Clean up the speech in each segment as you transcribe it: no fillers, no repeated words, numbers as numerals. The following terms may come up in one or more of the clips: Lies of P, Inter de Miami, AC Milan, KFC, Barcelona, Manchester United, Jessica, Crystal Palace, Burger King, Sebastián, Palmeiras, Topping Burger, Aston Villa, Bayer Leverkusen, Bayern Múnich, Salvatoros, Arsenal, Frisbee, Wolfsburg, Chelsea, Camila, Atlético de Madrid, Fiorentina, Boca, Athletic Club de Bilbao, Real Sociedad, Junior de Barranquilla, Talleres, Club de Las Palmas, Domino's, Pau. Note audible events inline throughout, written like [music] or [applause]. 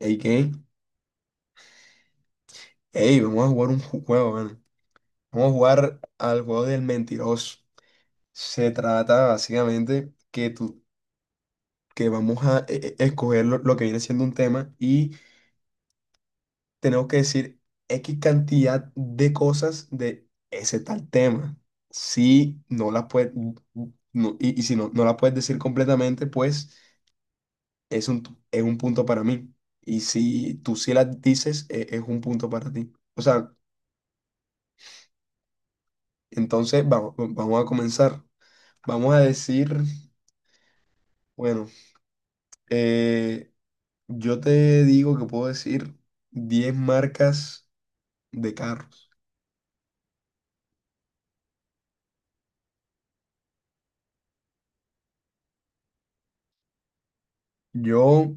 Ey, ¿qué? Ey, vamos a jugar un juego, man. Vamos a jugar al juego del mentiroso. Se trata básicamente que tú, que vamos a escoger lo que viene siendo un tema y tenemos que decir X cantidad de cosas de ese tal tema. Si no las puedes, y si no, no las puedes decir completamente, pues es un punto para mí. Y si tú sí las dices, es un punto para ti. O sea, entonces vamos a comenzar. Vamos a decir, bueno, eh, yo te digo que puedo decir 10 marcas de carros. Yo,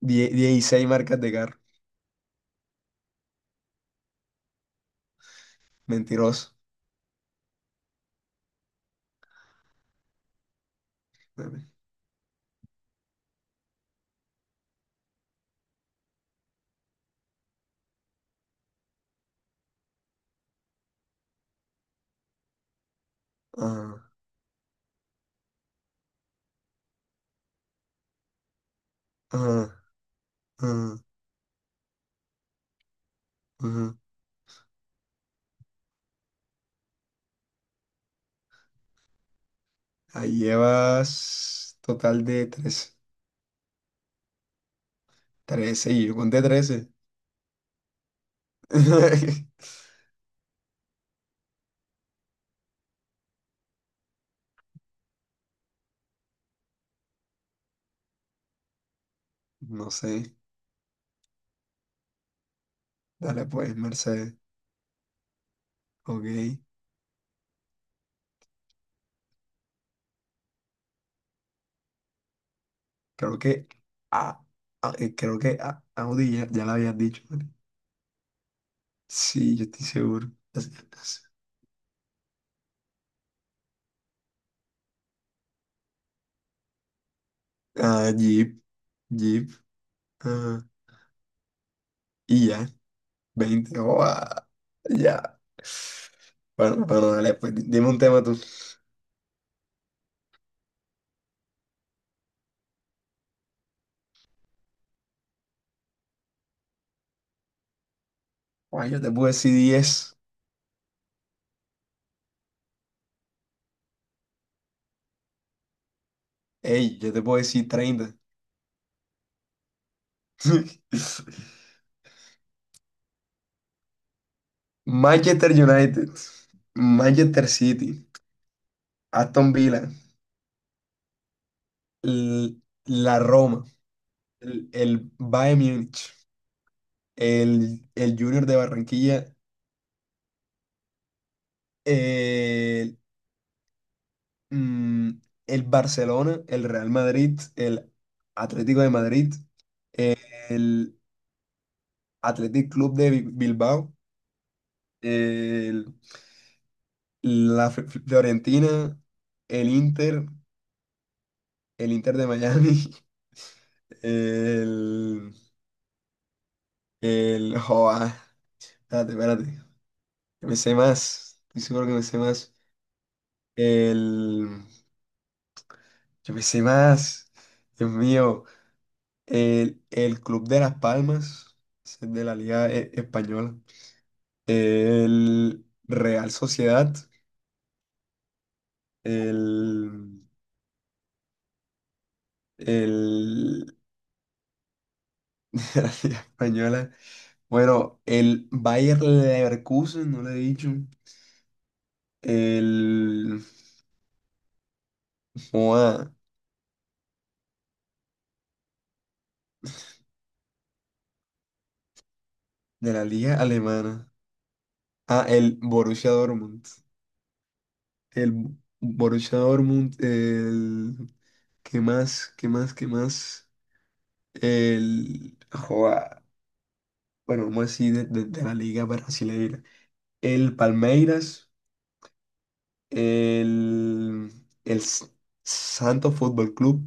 16 marcas de carros. Mentiroso. Ajá, ajá, ajá, ajá. Ahí llevas total de 13. Trece y yo conté 13. [laughs] No sé. Dale pues, Mercedes. Ok. Creo que, ah, creo que Audi ya la habías dicho. Sí, yo estoy seguro. Ah, Jeep, Jeep. Ah, y ya, 20, oh, ah, ya. Bueno, bueno, dale, pues dime un tema tú. Ay, yo te puedo decir 10. Ey, yo te puedo decir 30. [laughs] Manchester United, Manchester City, Aston Villa, l- la Roma, el Bayern Múnich, el Junior de Barranquilla, el mm, el Barcelona, el Real Madrid, el Atlético de Madrid, el Athletic Club de Bilbao, el, la Fiorentina, el Inter, el Inter de Miami. [laughs] el, joa, espérate, espérate, que me sé más, estoy seguro que me sé más, el, yo me sé más, Dios mío, el Club de Las Palmas. Ese es de la Liga Española. El Real Sociedad, el, el [laughs] La Liga Española, bueno, el Bayer Leverkusen, no lo he dicho. El joda, de la Liga Alemana, el Borussia Dortmund, el Borussia Dortmund. El, ¿qué más? ¿Qué más? ¿Qué más? El joda, bueno, vamos a decir de la Liga Brasileira, el Palmeiras. El, el Santos Fútbol Club,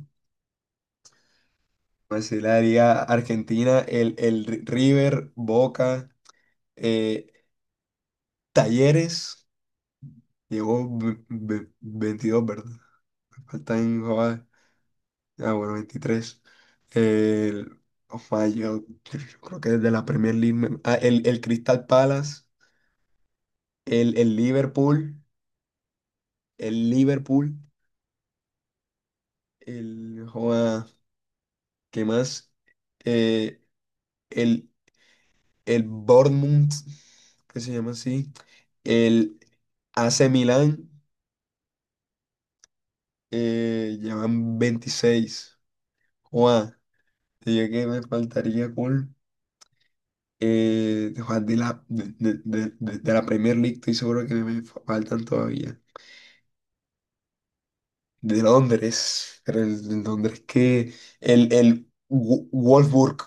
más el área argentina, el River, Boca, eh, Talleres, llegó 22, ¿verdad? Faltan, joder, bueno, 23. El, ojo, yo creo que de la Premier League, el Crystal Palace, el Liverpool, el Liverpool, el, joder, ¿qué más? Eh, el el Bournemouth, que se llama así, el AC Milan, llevan 26. Juan, diría que me faltaría con de, Juan, de la Premier League, estoy seguro que me faltan todavía. De Londres, pero el, de Londres que el Wolfsburg,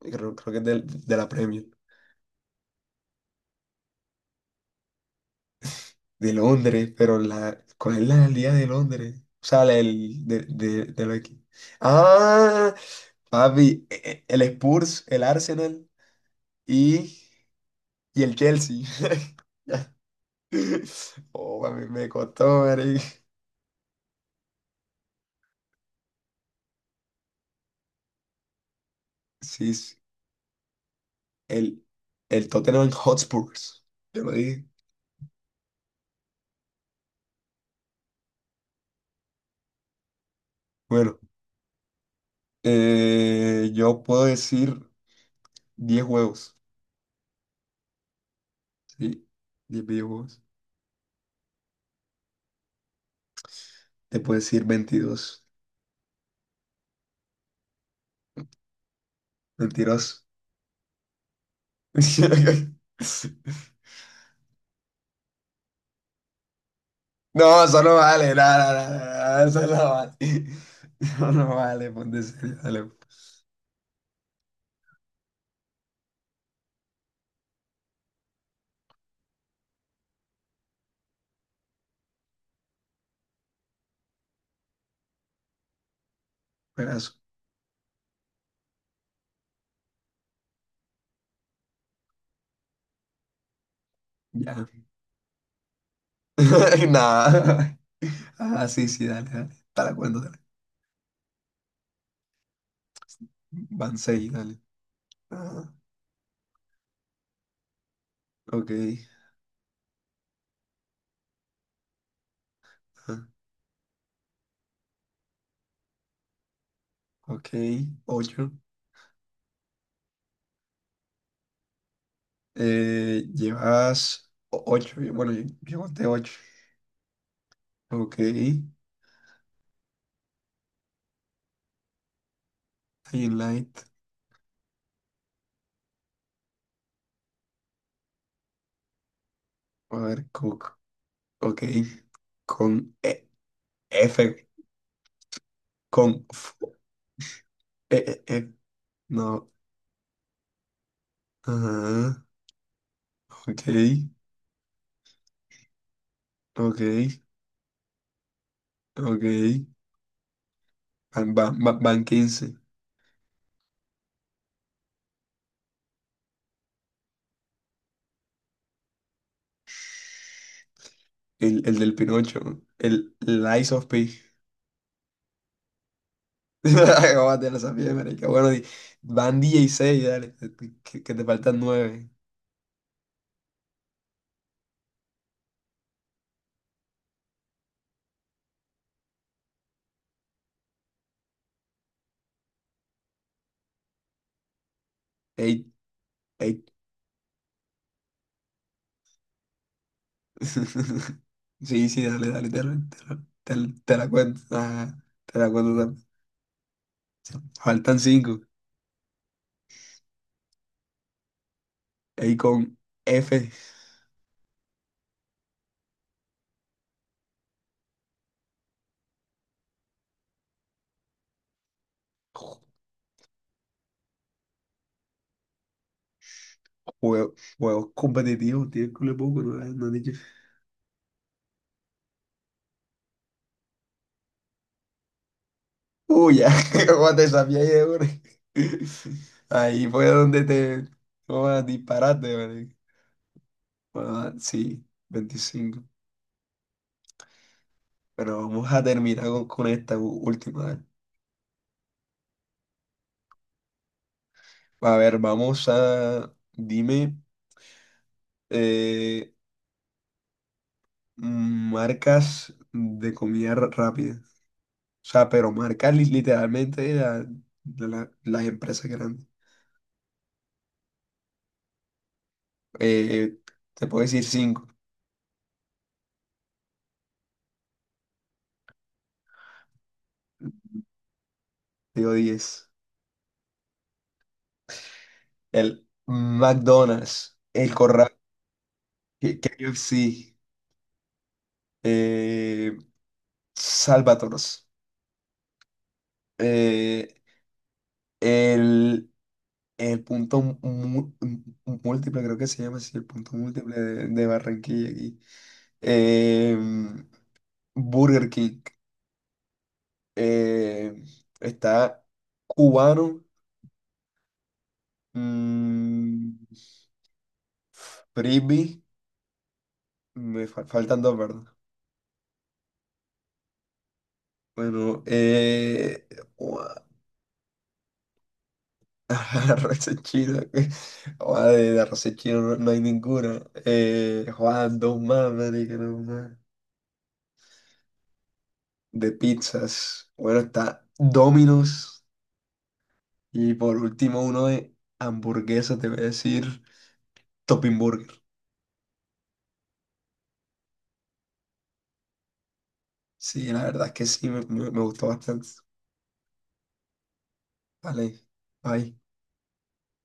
creo que es de la Premier. De Londres, pero la, ¿cuál es la alcaldía de Londres? O sea, la del, de lo aquí. Ah, papi, el Spurs, el Arsenal y, y el Chelsea. [laughs] Ya. Oh, papi, me costó, marica. Sí, sí. El, el Tottenham Hotspurs. Te lo dije. Bueno, yo puedo decir 10 juegos. Sí, 10 videojuegos. Te puedo decir 22. Mentiroso. [laughs] No, eso no vale, no, no, no, no, no, no, eso no vale. [laughs] Eso no vale, ponte serio, dale, pedazo, ya. [laughs] Nada. Ah, sí, sí, dale, dale. Para cuándo, dale. Van seis, dale. Ajá, ok, ajá, ok, ocho. Llevas ocho, bueno, yo conté ocho. Ok, highlight, a ver, cook, ok, con F, con F, e- e- e- no, ajá. Ok, ok, ok. Van 15. El del Pinocho. El Lies of P. [laughs] Acabate la sabía, marica. Bueno, van 16, dale. Que te faltan nueve. Ey, ey. [laughs] Sí, sí, dale, dale, te la cuento. Ajá, te la cuento también. Faltan cinco. Ey, con F. Juegos competitivos, tío, culo poco, no, no han dicho. Uy, ya, [laughs] como te sabía ahí, de. [laughs] Ahí fue donde te. Como disparate, marica. Bueno, sí, 25. Pero vamos a terminar con esta última. Dale. A ver, vamos a. Dime, eh, marcas de comida rápida. O sea, pero marcas literalmente las empresas grandes. Eh, te puedo decir cinco, digo 10. El McDonald's, el Corral. KFC, eh, Salvatoros, eh, el, el punto múltiple, creo que se llama así, el punto múltiple de Barranquilla aquí. em, Burger King, eh, está Cubano, mm, Frisbee, me faltan dos, ¿verdad? Bueno, [laughs] La raza china, güey. Joder, de la raza china no, no hay ninguna. Juan, dos más, marica, dos más. De pizzas. Bueno, está Domino's. Y por último, uno de hamburguesas, te voy a decir Topping Burger. Sí, la verdad es que sí, me gustó bastante. Vale, bye.